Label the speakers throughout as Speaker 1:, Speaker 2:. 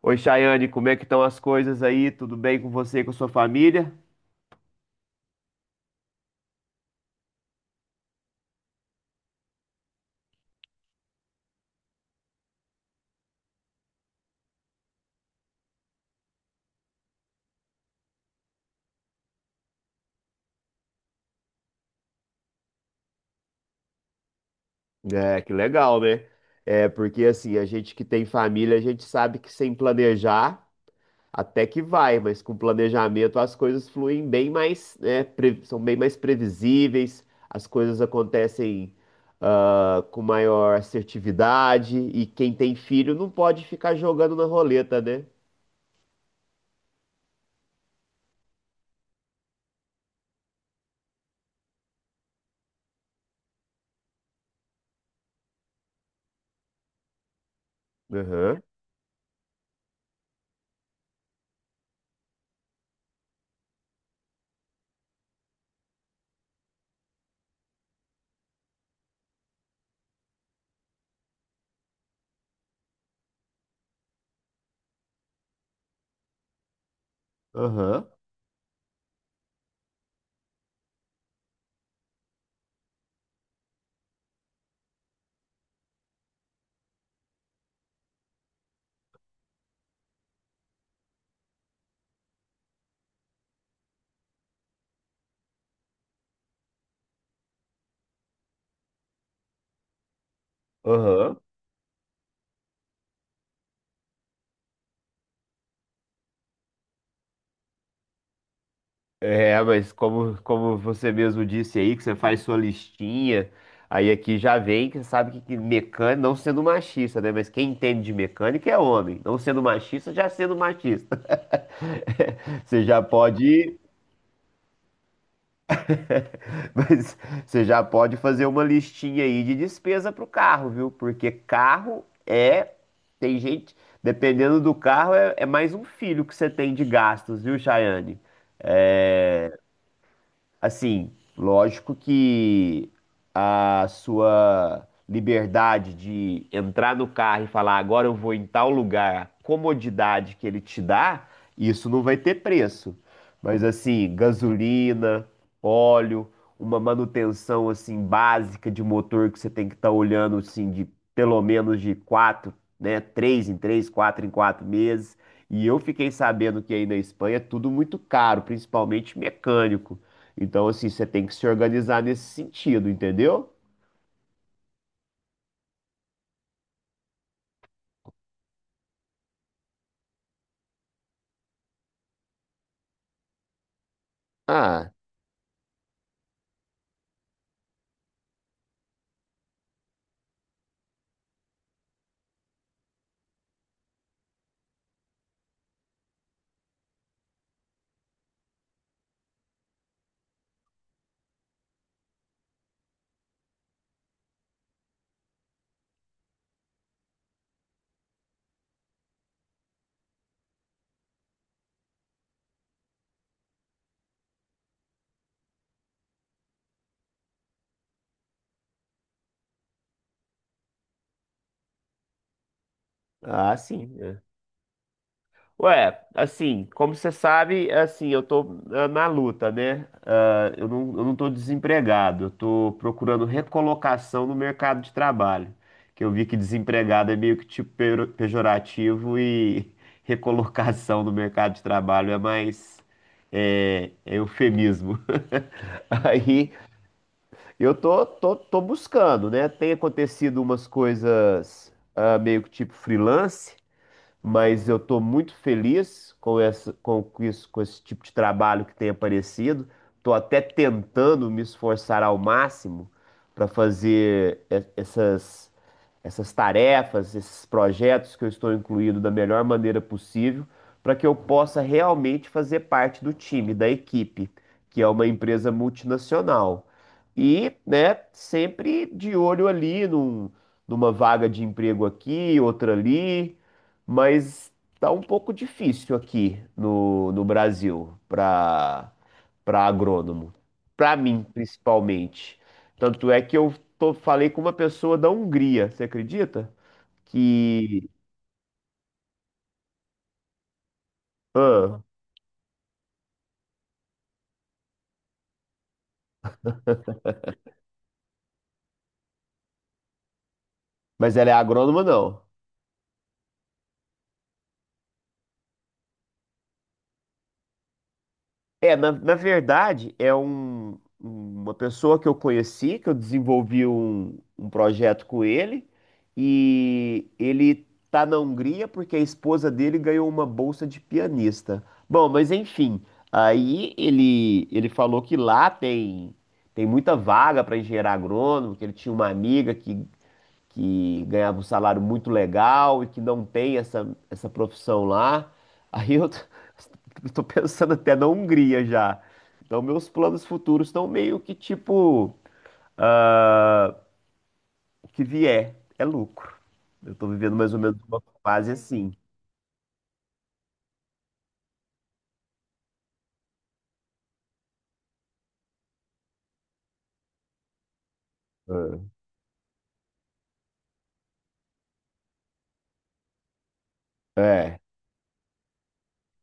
Speaker 1: Oi, Chayane, como é que estão as coisas aí? Tudo bem com você e com sua família? É, que legal, né? É, porque assim, a gente que tem família, a gente sabe que sem planejar até que vai, mas com planejamento as coisas fluem bem mais, né, são bem mais previsíveis, as coisas acontecem, com maior assertividade e quem tem filho não pode ficar jogando na roleta, né? Aham, aham, aham. É, mas como você mesmo disse aí, que você faz sua listinha, aí aqui já vem que sabe que mecânico, não sendo machista, né? Mas quem entende de mecânica é homem. Não sendo machista, já sendo machista. Você já pode. Mas você já pode fazer uma listinha aí de despesa pro carro, viu? Porque tem gente, dependendo do carro, é mais um filho que você tem de gastos, viu, Chayane? É, assim, lógico que a sua liberdade de entrar no carro e falar agora eu vou em tal lugar, a comodidade que ele te dá, isso não vai ter preço. Mas assim, gasolina, óleo, uma manutenção assim básica de motor que você tem que estar olhando assim de pelo menos de quatro, né, três em três, quatro em quatro meses. E eu fiquei sabendo que aí na Espanha é tudo muito caro, principalmente mecânico. Então, assim, você tem que se organizar nesse sentido, entendeu? Ah. Ah, sim. É. Ué, assim, como você sabe, assim, eu tô na luta, né? Eu não tô desempregado, eu tô procurando recolocação no mercado de trabalho. Que eu vi que desempregado é meio que tipo pejorativo e recolocação no mercado de trabalho é mais, é eufemismo. Aí eu tô buscando, né? Tem acontecido umas coisas meio que tipo freelance, mas eu estou muito feliz com essa, com isso, com esse tipo de trabalho que tem aparecido. Estou até tentando me esforçar ao máximo para fazer essas tarefas, esses projetos que eu estou incluído da melhor maneira possível, para que eu possa realmente fazer parte do time, da equipe, que é uma empresa multinacional. E, né, sempre de olho ali numa vaga de emprego aqui, outra ali, mas tá um pouco difícil aqui no Brasil para agrônomo, para mim principalmente. Tanto é que eu falei com uma pessoa da Hungria, você acredita? Que, ah, mas ela é agrônoma não. É, na verdade, é uma pessoa que eu conheci, que eu desenvolvi um projeto com ele, e ele tá na Hungria porque a esposa dele ganhou uma bolsa de pianista. Bom, mas enfim, aí ele falou que lá tem, tem muita vaga para engenheiro agrônomo, que ele tinha uma amiga que ganhava um salário muito legal e que não tem essa profissão lá. Aí eu tô, eu tô pensando até na Hungria já. Então, meus planos futuros estão meio que tipo, ah, o que vier é lucro. Eu tô vivendo mais ou menos uma fase assim. É. É.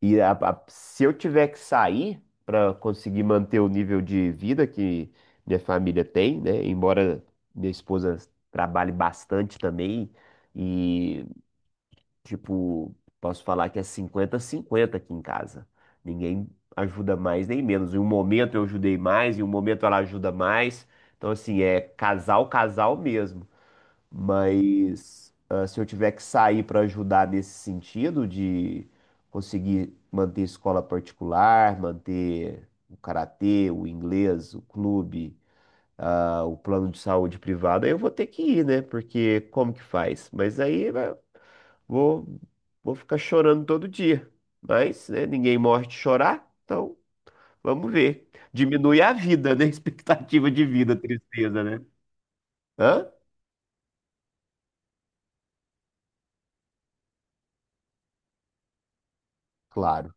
Speaker 1: E se eu tiver que sair para conseguir manter o nível de vida que minha família tem, né? Embora minha esposa trabalhe bastante também e tipo, posso falar que é 50 cinquenta aqui em casa. Ninguém ajuda mais nem menos. Em um momento eu ajudei mais, em um momento ela ajuda mais. Então, assim, é casal, casal mesmo. Mas se eu tiver que sair para ajudar nesse sentido de conseguir manter escola particular, manter o karatê, o inglês, o clube, ah, o plano de saúde privado, aí eu vou ter que ir, né? Porque como que faz? Mas aí, né, vou, vou ficar chorando todo dia. Mas, né, ninguém morre de chorar, então vamos ver. Diminui a vida, né? Expectativa de vida, tristeza, né? Hã? Claro.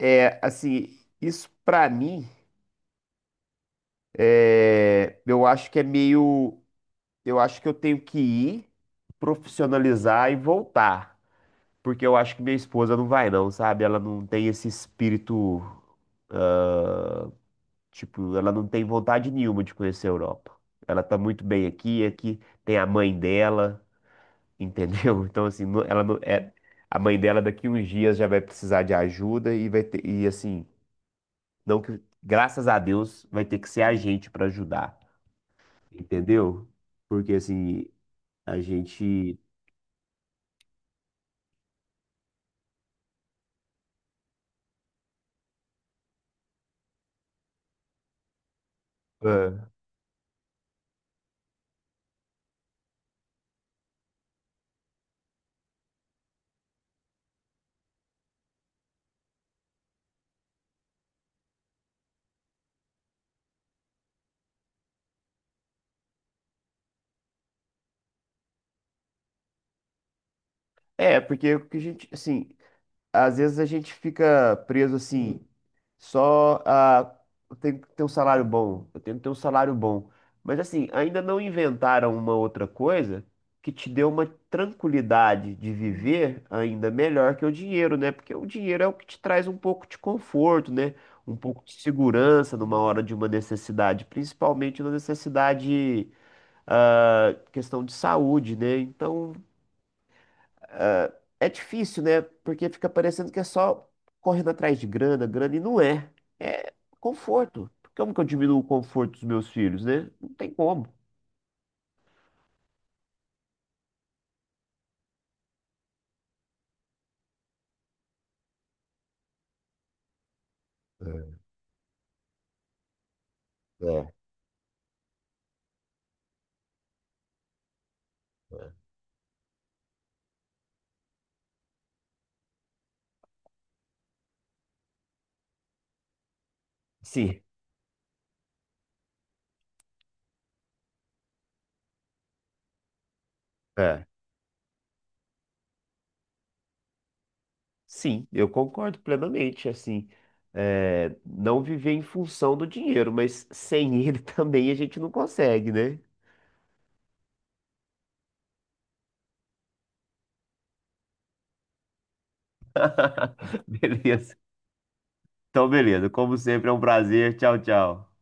Speaker 1: É, assim, isso pra mim, é, eu acho que é meio. Eu acho que eu tenho que ir, profissionalizar e voltar. Porque eu acho que minha esposa não vai, não, sabe? Ela não tem esse espírito. Tipo, ela não tem vontade nenhuma de conhecer a Europa. Ela tá muito bem aqui, aqui tem a mãe dela, entendeu? Então, assim, ela não é. A mãe dela daqui uns dias já vai precisar de ajuda e vai ter, e assim, não que, graças a Deus, vai ter que ser a gente para ajudar, entendeu? Porque assim, a gente. Ah. É, porque o que a gente, assim, às vezes a gente fica preso assim, só a eu tenho que ter um salário bom, eu tenho que ter um salário bom. Mas assim, ainda não inventaram uma outra coisa que te dê uma tranquilidade de viver ainda melhor que o dinheiro, né? Porque o dinheiro é o que te traz um pouco de conforto, né? Um pouco de segurança numa hora de uma necessidade, principalmente na necessidade, ah, questão de saúde, né? Então, é difícil, né? Porque fica parecendo que é só correndo atrás de grana, grana, e não é. É conforto. Como que eu diminuo o conforto dos meus filhos, né? Não tem como. É, é. É. Sim, é. Sim, eu concordo plenamente, assim, é, não viver em função do dinheiro, mas sem ele também a gente não consegue, né? Beleza. Então, beleza. Como sempre, é um prazer. Tchau, tchau.